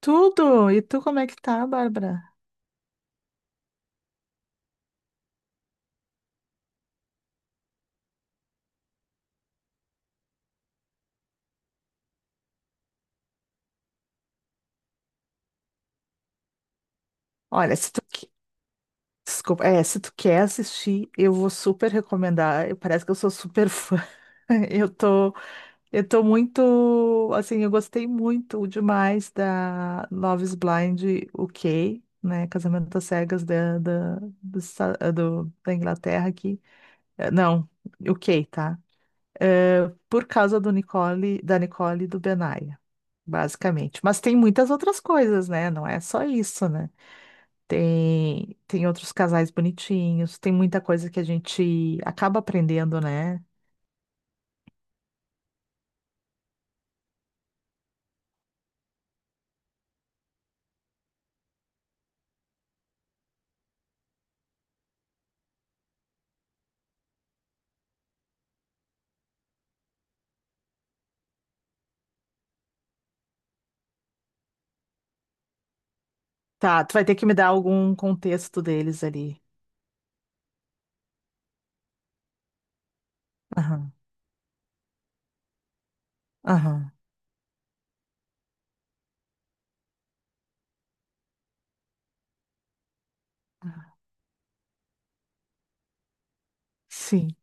Tudo! E tu, como é que tá, Bárbara? Olha, se tu, que- desculpa, se tu quer assistir, eu vou super recomendar. Parece que eu sou super fã. Eu tô, eu tô muito, assim, eu gostei muito demais da Love is Blind UK, né? Casamento às Cegas da da Inglaterra aqui. Não, UK, tá? Por causa do Nicole, da Nicole e do Benaya. Basicamente. Mas tem muitas outras coisas, né? Não é só isso, né? Tem outros casais bonitinhos, tem muita coisa que a gente acaba aprendendo, né? Tá, tu vai ter que me dar algum contexto deles ali. Aham, aham. Sim.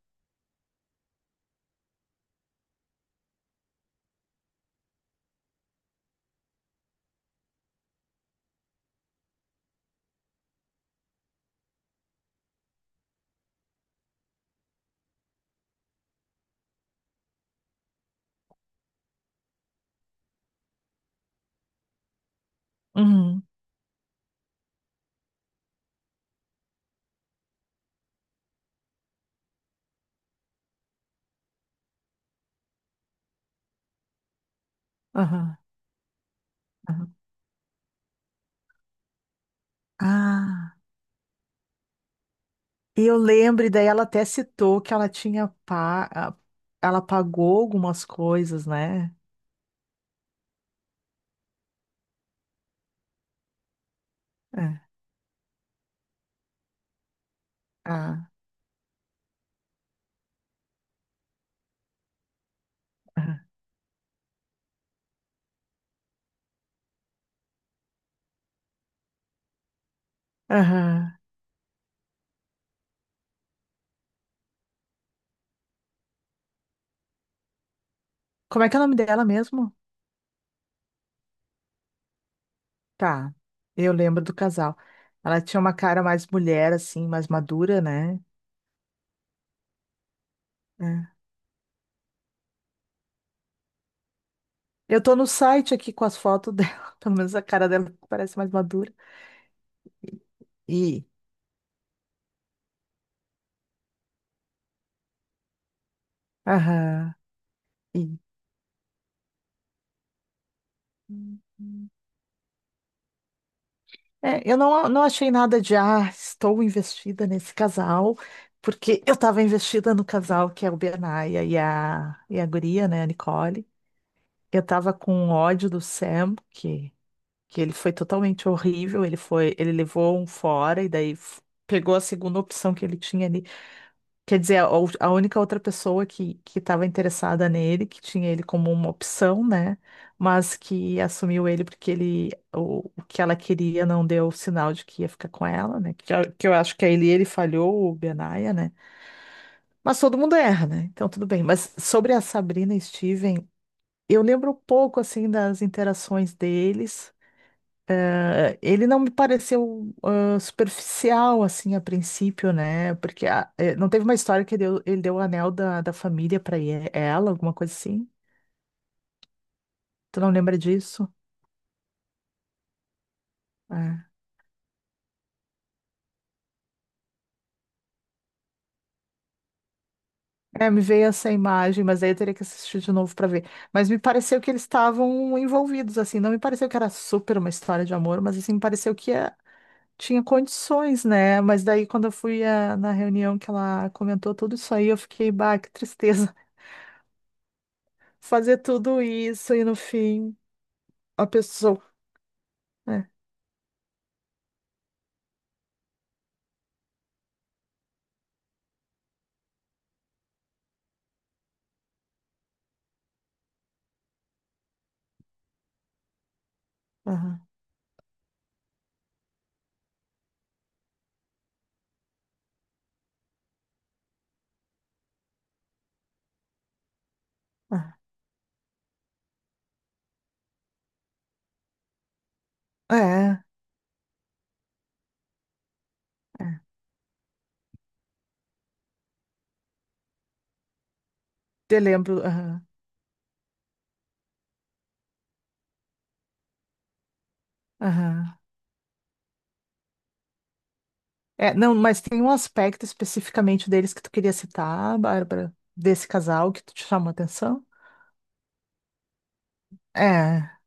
Uhum, aham, aham. Ah, e eu lembro, e daí ela até citou que ela tinha pa... a- ela pagou algumas coisas, né? É. Ah, aham, aham. Como é que é o nome dela mesmo? Tá, eu lembro do casal. Ela tinha uma cara mais mulher, assim, mais madura, né? É. Eu tô no site aqui com as fotos dela, pelo menos a cara dela parece mais madura. E, aham, e. É, eu não, não achei nada de, ah, estou investida nesse casal, porque eu estava investida no casal que é o Bernaia e e a guria, né, a Nicole. Eu estava com ódio do Sam, que ele foi totalmente horrível, ele levou um fora e daí pegou a segunda opção que ele tinha ali. Quer dizer, a única outra pessoa que estava interessada nele, que tinha ele como uma opção, né? Mas que assumiu ele porque ele o que ela queria não deu sinal de que ia ficar com ela, né? Que eu acho que é ele falhou, o Benaya, né? Mas todo mundo erra, né? Então tudo bem. Mas sobre a Sabrina e Steven, eu lembro um pouco assim das interações deles. Ele não me pareceu ah, superficial, assim, a princípio, né? Porque não teve uma história que ele deu o anel da família pra ela, alguma coisa assim? Tu não lembra disso? É. É, me veio essa imagem, mas aí eu teria que assistir de novo pra ver. Mas me pareceu que eles estavam envolvidos, assim. Não me pareceu que era super uma história de amor, mas assim, me pareceu que tinha condições, né? Mas daí, quando eu fui ah, na reunião que ela comentou tudo isso aí, eu fiquei, bah, que tristeza. Fazer tudo isso e no fim a pessoa. É, aham, aham. É, é. Te lembro, aham, aham. É, não, mas tem um aspecto especificamente deles que tu queria citar, Bárbara, desse casal que tu te chamou a atenção? É.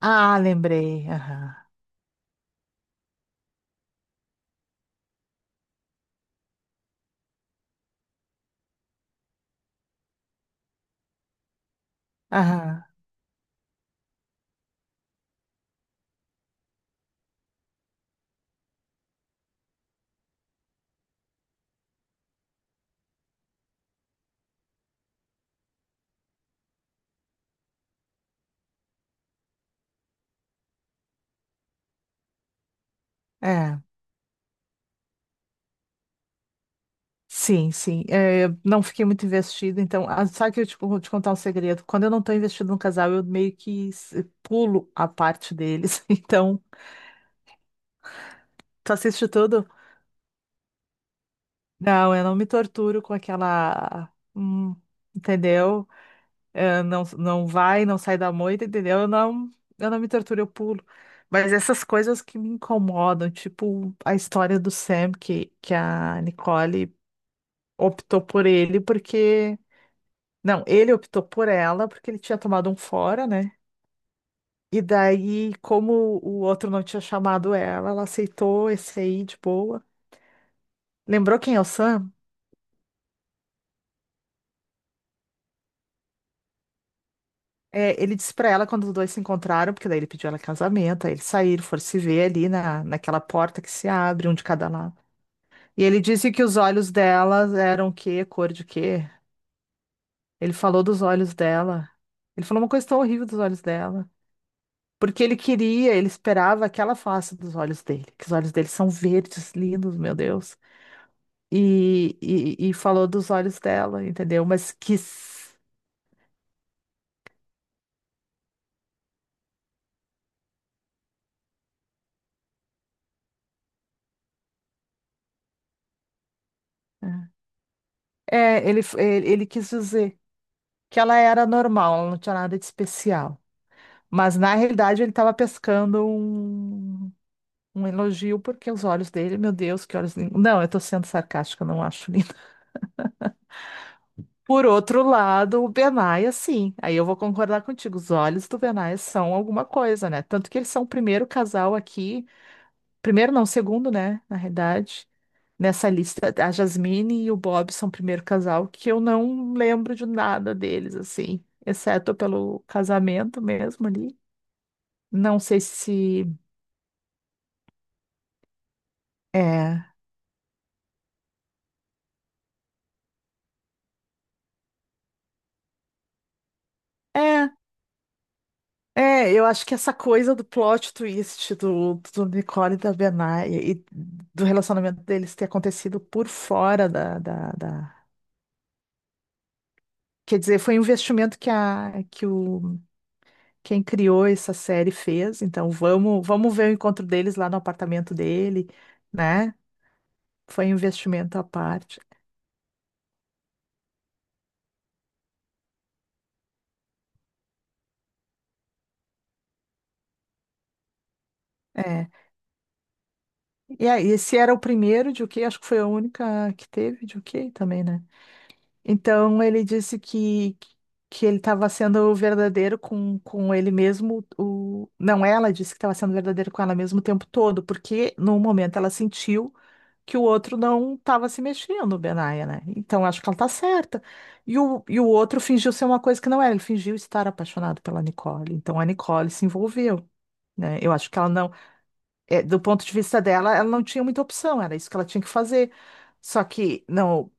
Ah, lembrei. Aham, aham, é. Sim, sim. É, eu não fiquei muito investida, então. Ah, sabe que vou te contar um segredo? Quando eu não estou investida no casal, eu meio que pulo a parte deles. Então, tu assiste tudo? Não, eu não me torturo com aquela. Entendeu? Não, não sai da moita, entendeu? Eu não me torturo, eu pulo. Mas essas coisas que me incomodam, tipo a história do Sam, que a Nicole optou por ele porque. Não, ele optou por ela porque ele tinha tomado um fora, né? E daí, como o outro não tinha chamado ela, ela aceitou esse aí de boa. Lembrou quem é o Sam? É, ele disse pra ela quando os dois se encontraram, porque daí ele pediu ela casamento, aí eles saíram, foram se ver ali naquela porta que se abre, um de cada lado. E ele disse que os olhos delas eram o quê? Cor de quê? Ele falou dos olhos dela. Ele falou uma coisa tão horrível dos olhos dela. Porque ele queria, ele esperava que ela falasse dos olhos dele, que os olhos dele são verdes, lindos, meu Deus. E falou dos olhos dela, entendeu? Mas quis. É, ele quis dizer que ela era normal, ela não tinha nada de especial. Mas na realidade ele estava pescando um elogio, porque os olhos dele, meu Deus, que olhos lindos. Não, eu estou sendo sarcástica, não acho lindo. Por outro lado, o Benai, sim. Aí eu vou concordar contigo. Os olhos do Benai são alguma coisa, né? Tanto que eles são o primeiro casal aqui. Primeiro, não, segundo, né? Na realidade. Nessa lista, a Jasmine e o Bob são o primeiro casal que eu não lembro de nada deles, assim, exceto pelo casamento mesmo ali. Não sei se é. É, é, eu acho que essa coisa do plot twist do Nicole e da Benai e do relacionamento deles ter acontecido por fora Quer dizer, foi um investimento quem criou essa série fez. Então, vamos ver o encontro deles lá no apartamento dele, né? Foi um investimento à parte. É. E aí, esse era o primeiro de o quê? Acho que foi a única que teve de o quê também, né? Então ele disse que, que ele estava sendo verdadeiro com ele mesmo. O... Não, ela disse que estava sendo verdadeiro com ela mesmo o tempo todo, porque no momento ela sentiu que o outro não estava se mexendo, Benaya, né? Então acho que ela tá certa. E o outro fingiu ser uma coisa que não era, ele fingiu estar apaixonado pela Nicole. Então a Nicole se envolveu. Né? Eu acho que ela não, É, do ponto de vista dela, ela não tinha muita opção, era isso que ela tinha que fazer. Só que não,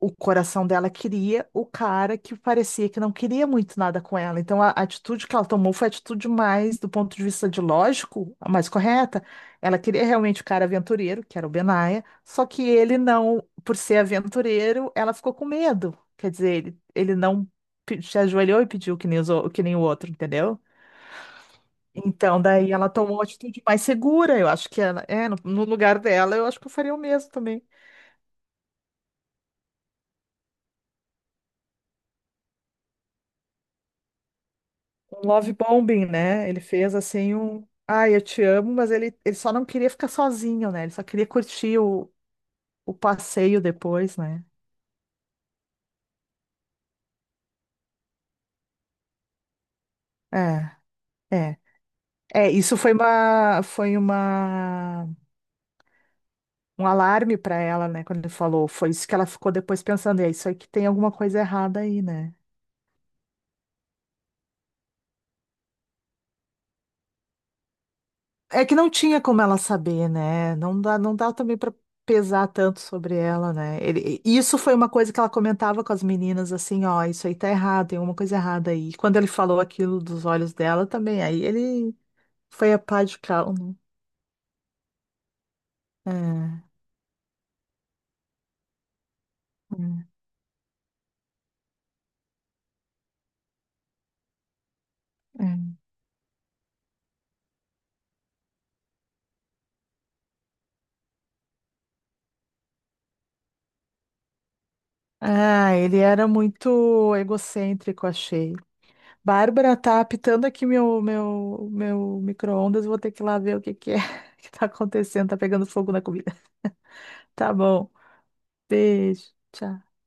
o coração dela queria o cara que parecia que não queria muito nada com ela. Então, a atitude que ela tomou foi a atitude mais, do ponto de vista de lógico, a mais correta. Ela queria realmente o cara aventureiro, que era o Benaya, só que ele não, por ser aventureiro, ela ficou com medo. Quer dizer, ele não se ajoelhou e pediu que nem, que nem o outro, entendeu? Então, daí ela tomou uma atitude mais segura. Eu acho que no lugar dela, eu acho que eu faria o mesmo também. Love bombing, né? Ele fez assim um. Ai, eu te amo, mas ele só não queria ficar sozinho, né? Ele só queria curtir o passeio depois, né? É, é. É, um alarme para ela, né? Quando ele falou, foi isso que ela ficou depois pensando, é isso aí que tem alguma coisa errada aí, né? É que não tinha como ela saber, né? Não dá também para pesar tanto sobre ela, né? Isso foi uma coisa que ela comentava com as meninas, assim, ó, isso aí tá errado, tem alguma coisa errada aí. E quando ele falou aquilo dos olhos dela também, aí ele foi a pá de cal, né? É, é, é. Ah, ele era muito egocêntrico, achei. Bárbara, tá apitando aqui meu micro-ondas, vou ter que ir lá ver o que que é que tá acontecendo, tá pegando fogo na comida. Tá bom. Beijo. Tchau.